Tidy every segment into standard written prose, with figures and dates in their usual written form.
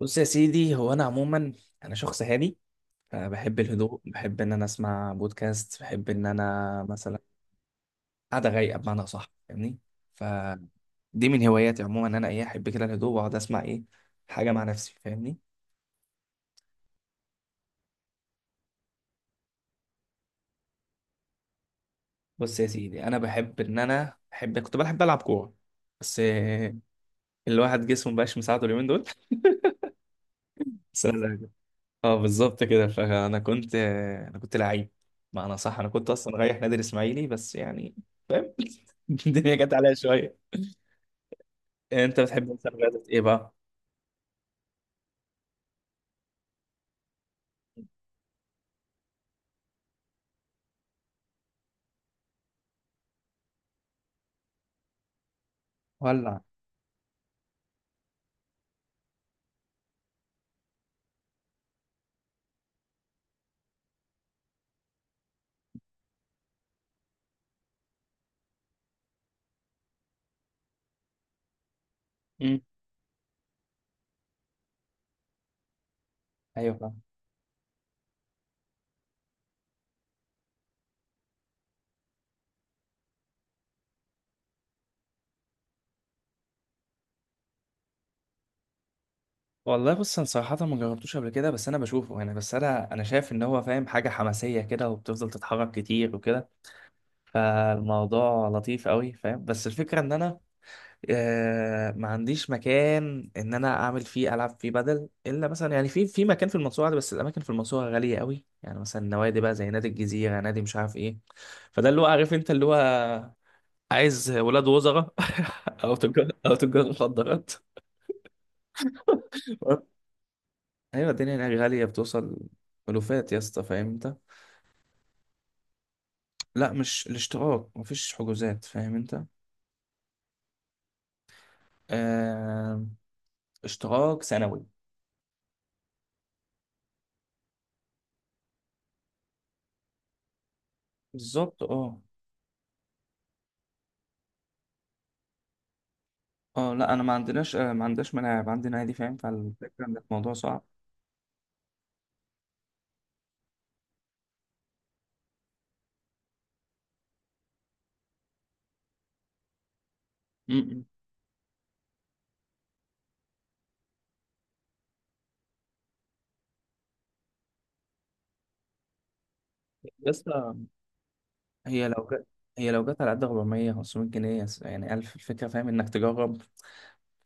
بص يا سيدي، هو انا عموما انا شخص هادي. بحب الهدوء، بحب ان انا اسمع بودكاست، بحب ان انا مثلا قاعده رايقه، بمعنى صح، فاهمني؟ فدي من هواياتي عموما، ان انا ايه، احب كده الهدوء واقعد اسمع ايه حاجه مع نفسي، فاهمني؟ بص يا سيدي، انا بحب ان انا كنت بحب العب كوره، بس الواحد جسمه مبقاش مساعده اليومين دول. بس أنا زهقان. اه بالظبط كده. فانا كنت انا كنت لعيب، معنى صح. انا كنت اصلا رايح نادي الاسماعيلي، بس يعني فاهم. الدنيا جت عليا شويه. انت بتحب مثلا رياضة ايه بقى؟ ولع. مم. ايوه فاهم. والله بص، انا صراحة ما جربتوش قبل كده، بس انا بشوفه، يعني بس انا شايف ان هو فاهم حاجة حماسية كده، وبتفضل تتحرك كتير وكده. فالموضوع لطيف قوي، فاهم. بس الفكرة ان انا ما عنديش مكان ان انا اعمل فيه، العب فيه بدل، الا مثلا يعني في مكان في المنصورة عادي، بس الاماكن في المنصورة غالية قوي، يعني مثلا نوادي بقى، زي نادي الجزيرة، نادي مش عارف ايه. فده اللي هو، عارف انت، اللي هو عايز ولاد وزراء او تجار او تجار مخدرات. ايوه الدنيا هناك غاليه، بتوصل الوفات يا اسطى، فاهم انت. لا مش الاشتراك، مفيش حجوزات، فاهم انت. آه... اشتراك سنوي. بالظبط اه. اه لا، انا ما عندناش، ملاعب، عندنا نادي، فاهم. فالفكره ان الموضوع صعب. م-م. يا اسطى، هي لو جت هي لو جت على قد 400 500 جنيه، يعني 1000، الفكره، فاهم انك تجرب،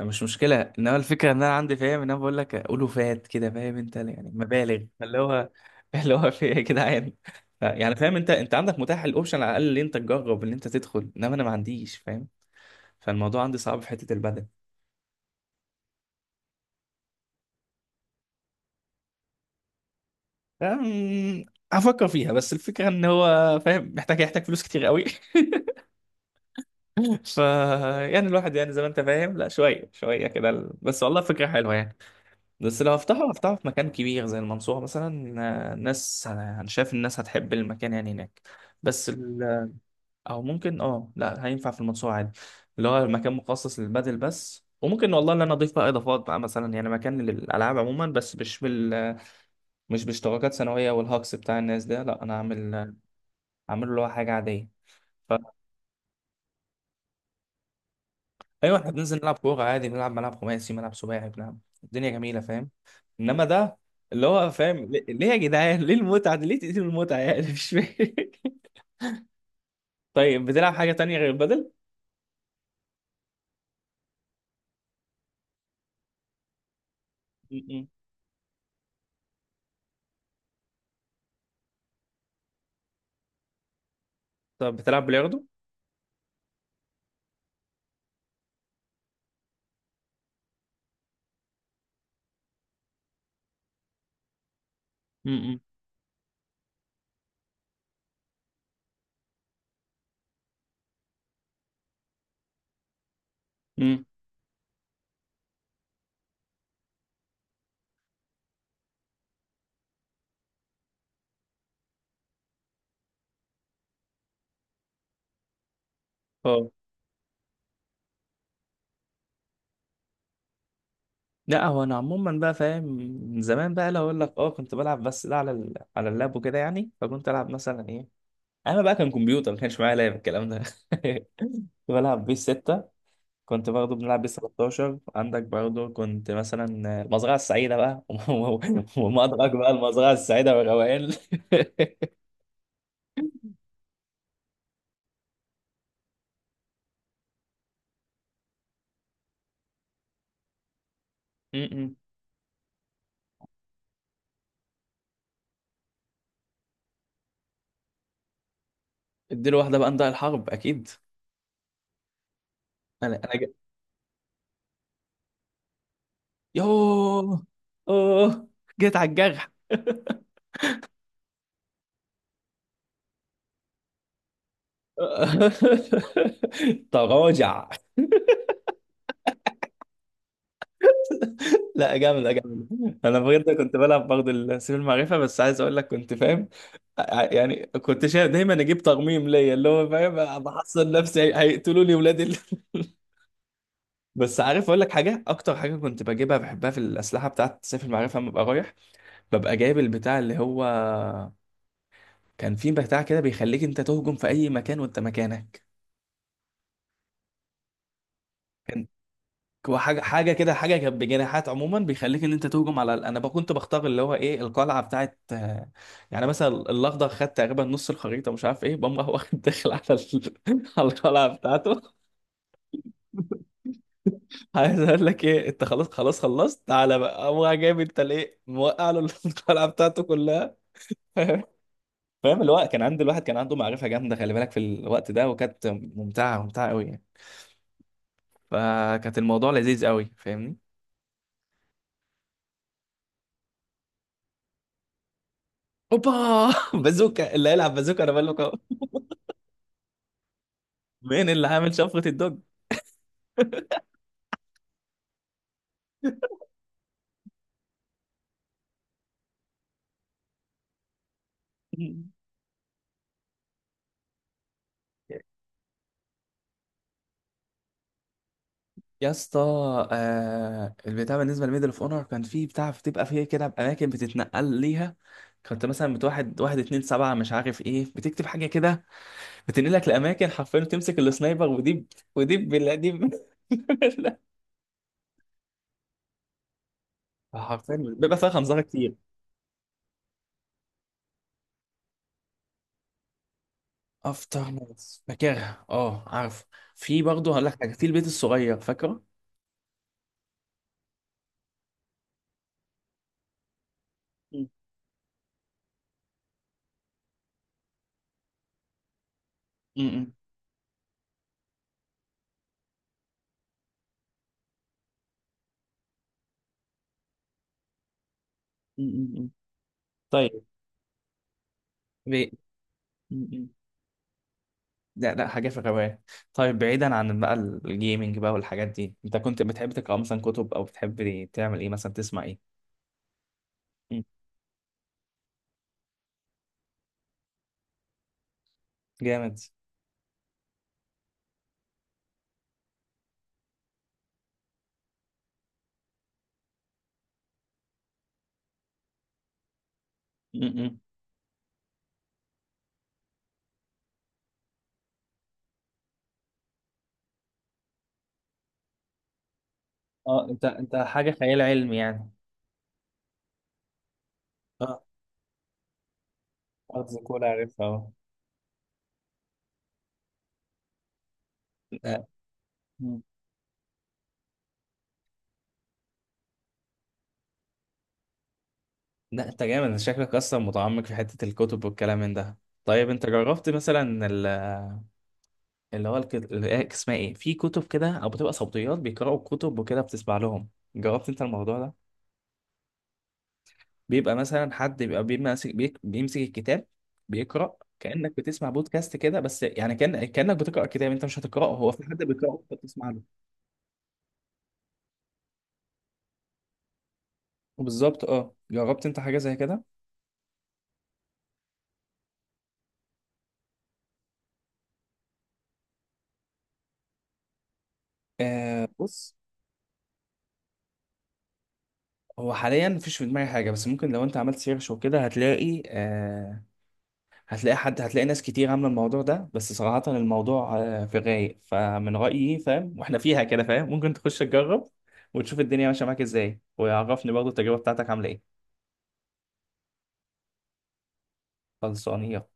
مش مشكلة. انما الفكرة ان انا عندي، فاهم، ان انا بقول لك اقوله فات كده، فاهم انت، يعني مبالغ اللي هو اللي هو في ايه يا جدعان. يعني فاهم انت عندك متاح الاوبشن على الاقل ان انت تجرب ان انت تدخل، انما انا ما عنديش، فاهم. فالموضوع عندي صعب في حتة البدن. أم، هفكر فيها، بس الفكرة ان هو، فاهم، محتاج يحتاج فلوس كتير قوي. ف يعني الواحد يعني، زي ما انت فاهم، لا، شوية شوية كده بس. والله فكرة حلوة يعني. بس لو هفتحه، في مكان كبير زي المنصورة مثلا. ناس، أنا شايف الناس هتحب المكان يعني هناك. بس ال... أو ممكن، لا، هينفع في المنصورة عادي، اللي هو المكان مخصص للبادل بس. وممكن والله، اللي أنا أضيف بقى إضافات بقى، مثلا يعني مكان للألعاب عموما، بس مش باشتراكات سنوية والهاكس بتاع الناس ده. لا، أنا أعمل، له اللي هو حاجة عادية. ف ايوه احنا بننزل نلعب كوره عادي، بنلعب ملعب خماسي، ملعب سباعي، بنلعب، الدنيا جميله، فاهم. انما ده اللي هو، فاهم، ليه ليه يا جدعان، ليه المتعه دي، ليه تقتلوا المتعه، يعني مش فاهم. طيب، بتلعب حاجه تانية غير البدل؟ م-م. طب بتلعب بلياردو؟ م-م. م. اه لا، هو انا عموما بقى، فاهم، من زمان بقى، لو اقول لك، اه كنت بلعب، بس ده على على اللاب وكده يعني، فكنت العب مثلا ايه. انا بقى كان كمبيوتر، ما كانش معايا لاب الكلام ده. كنت بلعب بيس 6، كنت برضه بنلعب بيس 13 عندك برضه، كنت مثلا المزرعة السعيدة بقى. وما أدراك بقى المزرعة السعيدة والروائل. م-م. اديله واحدة بقى، نضاع الحرب أكيد. أنا أنا جا... يوه. أوه، جيت على الجرح. تراجع. لا جامدة جامدة. أنا بجد كنت بلعب برضه السيف المعرفة، بس عايز أقول لك كنت، فاهم، يعني كنت شايف دايما أجيب ترميم ليا، اللي هو فاهم، بحصن نفسي هيقتلوني ولاد بس عارف أقول لك حاجة، أكتر حاجة كنت بجيبها بحبها في الأسلحة بتاعت سيف المعرفة، لما ببقى رايح ببقى جايب البتاع اللي هو، كان في بتاع كده بيخليك أنت تهجم في أي مكان وأنت مكانك. هو حاجه حاجه كده، حاجه كانت بجناحات عموما، بيخليك ان انت تهجم على انا بقى كنت بختار اللي هو ايه، القلعه بتاعت، يعني مثلا الاخضر، خد تقريبا نص الخريطه مش عارف ايه، بقوم راح واخد داخل على على القلعه بتاعته. عايز اقول لك ايه، انت خلاص، خلاص خلصت، تعالى بقى قوم راح، جايب انت ليه موقع له القلعه بتاعته كلها. فاهم، فاهم. الوقت كان عند الواحد، كان عنده معرفه جامده، خلي بالك في الوقت ده، وكانت ممتعه ممتعه قوي يعني. فكانت الموضوع لذيذ قوي، فاهمني. اوبا. بازوكا، اللي هيلعب بازوكا انا بقول لك. مين اللي عامل شفرة الدوج؟ يا اسطى. البتاع بالنسبه لميدل اوف اونر، كان فيه بتاع بتبقى فيه كده باماكن بتتنقل ليها. كنت مثلا بتواحد، واحد اتنين سبعة مش عارف ايه، بتكتب حاجة كده، بتنقلك لأماكن حرفيا، وتمسك السنايبر، ودي بالله، دي حرفيا بيبقى فيها خنزرة كتير. افتر ناس، فاكرها اه، عارف. في برضه هقول لك حاجة، في البيت الصغير فاكره؟ م- م- م- م- م. طيب، بي- م- م. لا لا، حاجة في الرواية. طيب، بعيدا عن بقى الجيمنج بقى والحاجات دي، انت كنت بتحب تقرأ مثلا كتب، او بتحب تعمل ايه، مثلا تسمع ايه؟ مم. جامد. مم، مم. اه، انت حاجة خيال علمي يعني. اه، أرض كول عارفها اه. لا. مم. لا انت جامد، انت شكلك اصلا متعمق في حتة الكتب والكلام من ده. طيب، انت جربت مثلا اللي هو، اسمها ايه، في كتب كده او بتبقى صوتيات بيقرأوا كتب وكده بتسمع لهم؟ جربت انت الموضوع ده؟ بيبقى مثلا حد بيبقى بيمسك، بيمسك الكتاب، بيقرأ، كأنك بتسمع بودكاست كده، بس يعني كأنك بتقرأ كتاب، انت مش هتقرأه، هو في حد بيقرأه انت بتسمع له. بالظبط اه، جربت انت حاجة زي كده؟ بص، هو حاليا مفيش في دماغي حاجة، بس ممكن لو انت عملت سيرش وكده هتلاقي، هتلاقي حد، هتلاقي ناس كتير عاملة الموضوع ده. بس صراحة الموضوع في غاية، فمن رأيي، فاهم، واحنا فيها كده، فاهم، ممكن تخش تجرب وتشوف الدنيا ماشية معاك ازاي، ويعرفني برضه التجربة بتاعتك عاملة ايه. خلصانية.